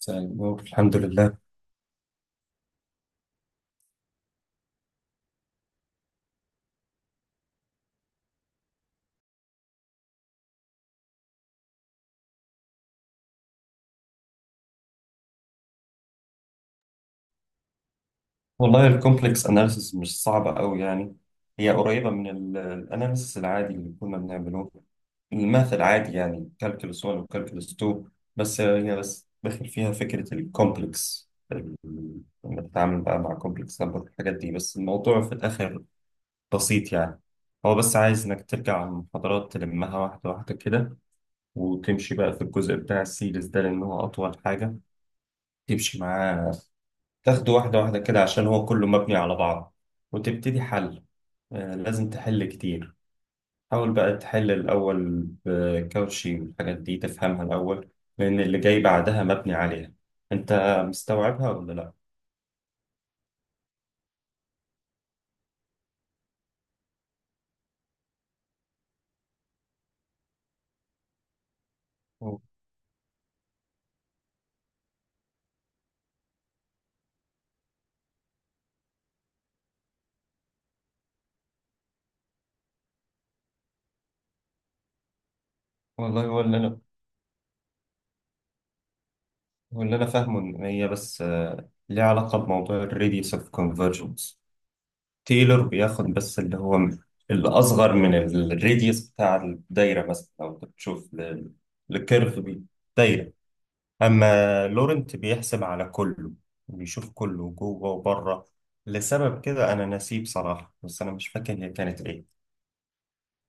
مساء النور. الحمد لله. والله الكومبلكس اناليسيس مش صعبة قوي يعني. هي قريبة من الاناليسيس العادي اللي كنا بنعمله، الماث العادي يعني كالكولس 1 وكالكولس 2. بس هي بس داخل فيها فكرة الكومبلكس لما تتعامل بقى مع كومبلكس نمبر والحاجات دي. بس الموضوع في الآخر بسيط يعني. هو بس عايز إنك ترجع على المحاضرات تلمها واحدة واحدة كده، وتمشي بقى في الجزء بتاع السيريز ده لأن هو أطول حاجة تمشي معاه. تاخده واحدة واحدة كده عشان هو كله مبني على بعض. وتبتدي حل. لازم تحل كتير. حاول بقى تحل الأول بكاوتشي والحاجات دي تفهمها الأول، لأن اللي جاي بعدها مبني عليها. أنت مستوعبها ولا لأ؟ و- والله هو اللي أنا فاهمه إن هي بس، ليها علاقة بموضوع الريديوس أوف كونفرجنس. تايلور بياخد بس اللي هو الأصغر من الريديوس بتاع الدايرة، مثلا لو بتشوف الكيرف دي دايرة. أما لورنت بيحسب على كله، بيشوف كله جوه وبره. لسبب كده أنا ناسيه بصراحة، بس أنا مش فاكر هي كانت إيه.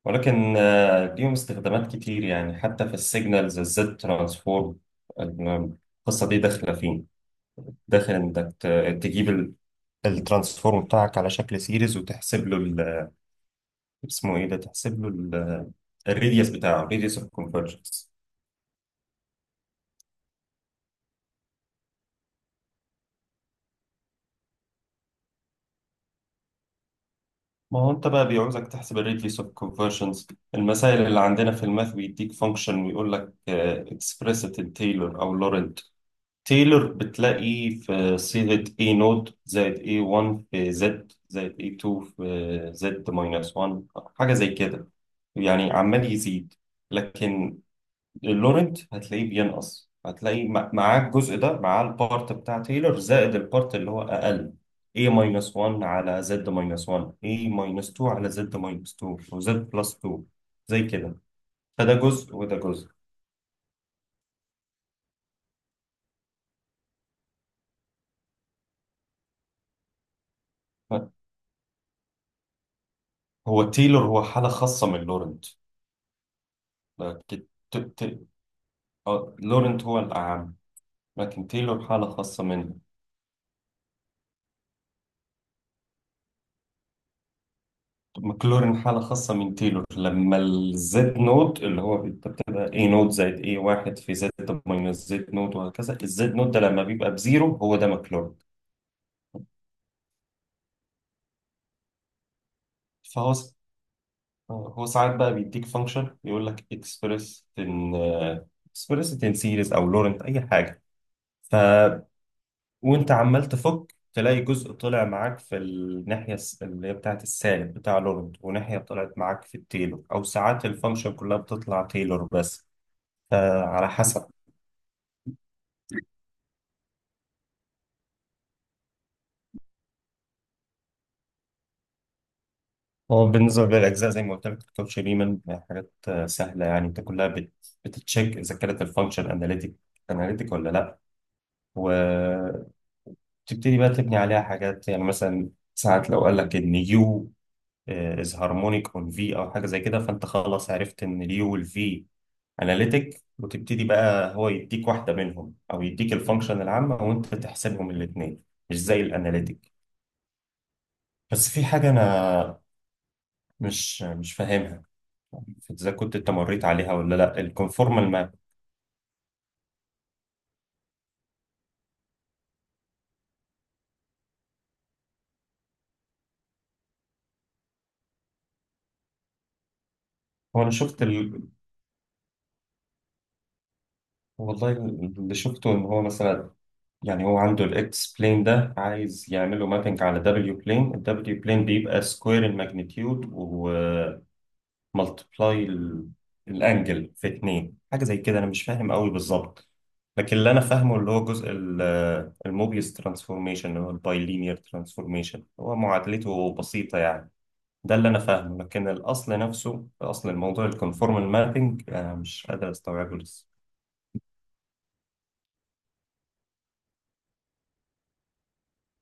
ولكن ليهم استخدامات كتير يعني، حتى في السيجنالز الزد ترانسفورم القصة دي داخلة فيه. داخل إنك تجيب الترانسفورم بتاعك على شكل سيريز، وتحسب له اسمه إيه ده، تحسب له الريديوس بتاعه، الريديوس اوف كونفرجنس. ما هو انت بقى بيعوزك تحسب الريديوس اوف كونفرجنز. المسائل اللي عندنا في الماث بيديك فانكشن ويقول لك اكسبريسد تايلور او لورنت. تايلور بتلاقيه في صيغة اي نود زائد اي 1 في زد زائد اي 2 في زد ماينس 1، حاجة زي كده، يعني عمال يزيد. لكن اللورنت هتلاقيه بينقص، هتلاقي معاه الجزء ده، معاه البارت بتاع تايلور زائد البارت اللي هو اقل، A ماينس 1 على Z ماينس 1، A ماينس 2 على Z ماينس 2 وZ بلس 2، زي كده. فده جزء وده جزء. ف- هو تايلور هو حالة خاصة من لورنت. لكن لورنت هو الأعم، لكن تايلور حالة خاصة منه. ماكلورين حالة خاصة من تيلور لما الزد نود اللي هو انت بتبقى اي نود زائد اي واحد في زد ماينس زد نود، وهكذا الزد نود ده لما بيبقى بزيرو هو ده ماكلورين. فهو س- هو ساعات بقى بيديك فانكشن يقول لك اكسبريس ان، اكسبريس ان سيريز او لورنت اي حاجة. ف وانت عمال تفك تلاقي جزء طلع معاك في الناحية اللي هي بتاعت السالب بتاع لورنت، وناحية طلعت معاك في التيلور، أو ساعات الفانكشن كلها بتطلع تيلور بس، فعلى حسب. هو بالنسبة للأجزاء زي ما قلت لك الكوتش ريمان حاجات سهلة يعني. أنت كلها بت... بتتشيك إذا كانت الفانكشن أناليتيك، أناليتيك ولا لأ. وتبتدي بقى تبني عليها حاجات. يعني مثلا ساعات لو قال لك إن يو از هارمونيك أون في، أو حاجة زي كده، فأنت خلاص عرفت إن اليو والفي أناليتيك، وتبتدي بقى. هو يديك واحدة منهم أو يديك الفانكشن العامة وأنت تحسبهم الاتنين، مش زي الأناليتيك. بس في حاجة أنا مش فاهمها، اذا كنت انت مريت عليها ولا لا، الكونفورمال ماب. هو انا شفت والله اللي شفته ان هو مثلا، يعني هو عنده الاكس بلين ده عايز يعمله مابنج على دبليو بلين. الدبليو بلين بيبقى سكوير الماجنتيود ومالتبلاي الانجل في اتنين، حاجه زي كده. انا مش فاهم قوي بالظبط، لكن اللي انا فاهمه اللي هو جزء الموبيس ترانسفورميشن اللي هو البايلينير ترانسفورميشن، هو معادلته بسيطه يعني. ده اللي انا فاهمه، لكن الاصل نفسه، اصل الموضوع الكونفورمال مابنج، انا مش قادر استوعبه لسه.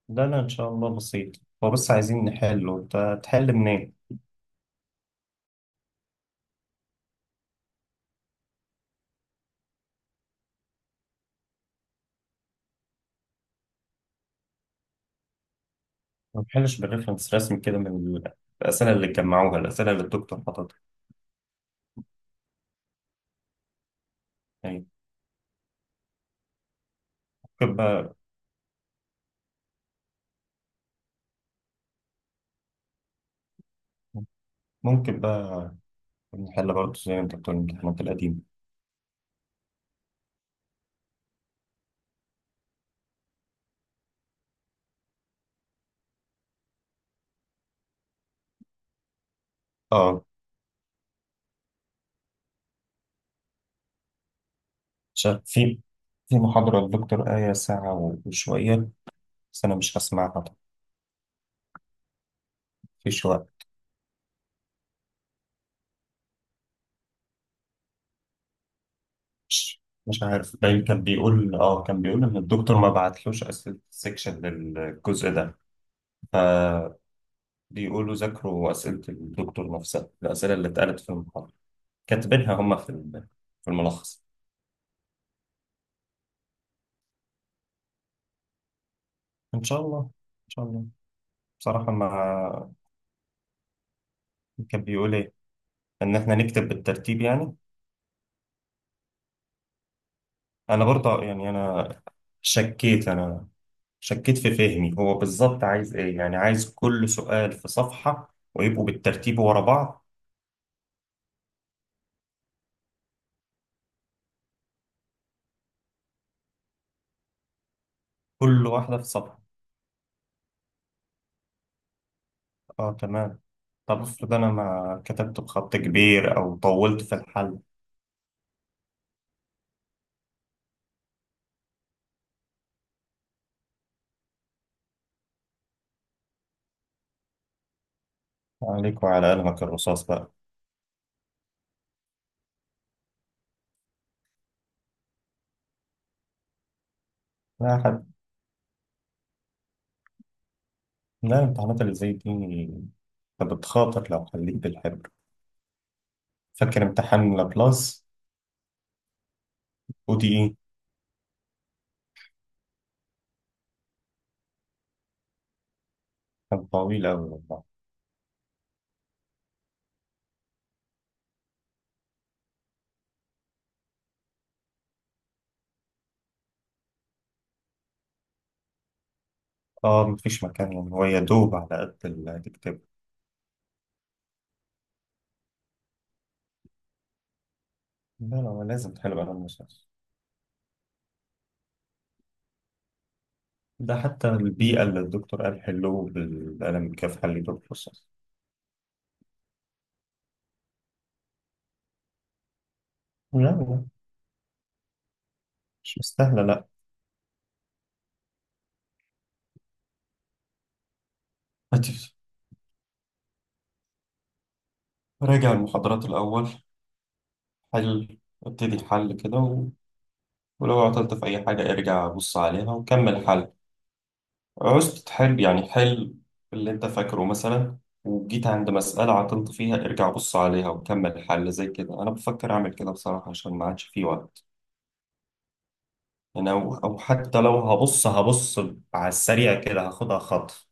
ده انا ان شاء الله بسيط. هو بس عايزين نحله، انت تحل منين؟ ما تحلش بالريفرنس رسمي كده من ال- الاسئله اللي جمعوها، الاسئله اللي الدكتور حاططها يعني. ممكن بقى ممكن بقى نحل برضه زي ما انت بتقول الامتحانات القديمه. اه. شا- في في محاضره الدكتور آية ساعه وشويه، بس انا مش هسمعها طبعا. في شويه مش مش عارف. باين كان بيقول اه، كان بيقول ان الدكتور ما بعتلوش اسئله السكشن للجزء ده. فبيقولوا ذاكروا اسئله الدكتور نفسها، الاسئله اللي اتقالت في المحاضره كاتبينها هم في في الملخص. ان شاء الله ان شاء الله. بصراحه ما. كان بيقول ايه؟ ان احنا نكتب بالترتيب يعني. انا برضه يعني انا شكيت في فهمي هو بالظبط عايز ايه، يعني عايز كل سؤال في صفحه ويبقوا بالترتيب ورا بعض، كل واحده في صفحه. اه تمام. طب افرض انا ما كتبت بخط كبير او طولت في الحل؟ عليك وعلى قلمك الرصاص بقى. لا حد. لا، الامتحانات اللي زي دي انت بتخاطر لو خليك بالحبر. فاكر امتحان لابلاس؟ ودي ايه؟ كان طويل اوي والله. اه، مفيش مكان يعني. هو يا دوب على قد اللي هتكتبه. لا لا، هو لازم تحل بقلم رصاص. ده حتى البيئة اللي الدكتور قال حلوه بالقلم كيف حل دور رصاص. لا لا، مش مستاهلة لا. هاتي. راجع المحاضرات الأول. حل. ابتدي الحل كده و... ولو عطلت في أي حاجة ارجع بص عليها وكمل حل. عوزت تحل يعني حل اللي أنت فاكره مثلا، وجيت عند مسألة عطلت فيها ارجع بص عليها وكمل حل. زي كده أنا بفكر أعمل كده بصراحة عشان ما عادش فيه وقت. أنا أو حتى لو هبص على السريع كده هاخدها خطف.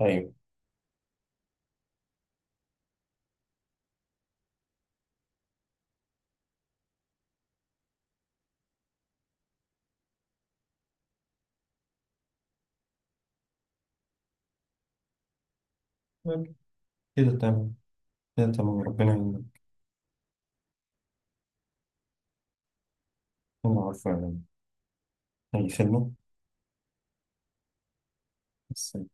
أيوه. كده تمام. كده تمام ربنا يعينك. أنا عارفه يعني. أي خدمة. بس.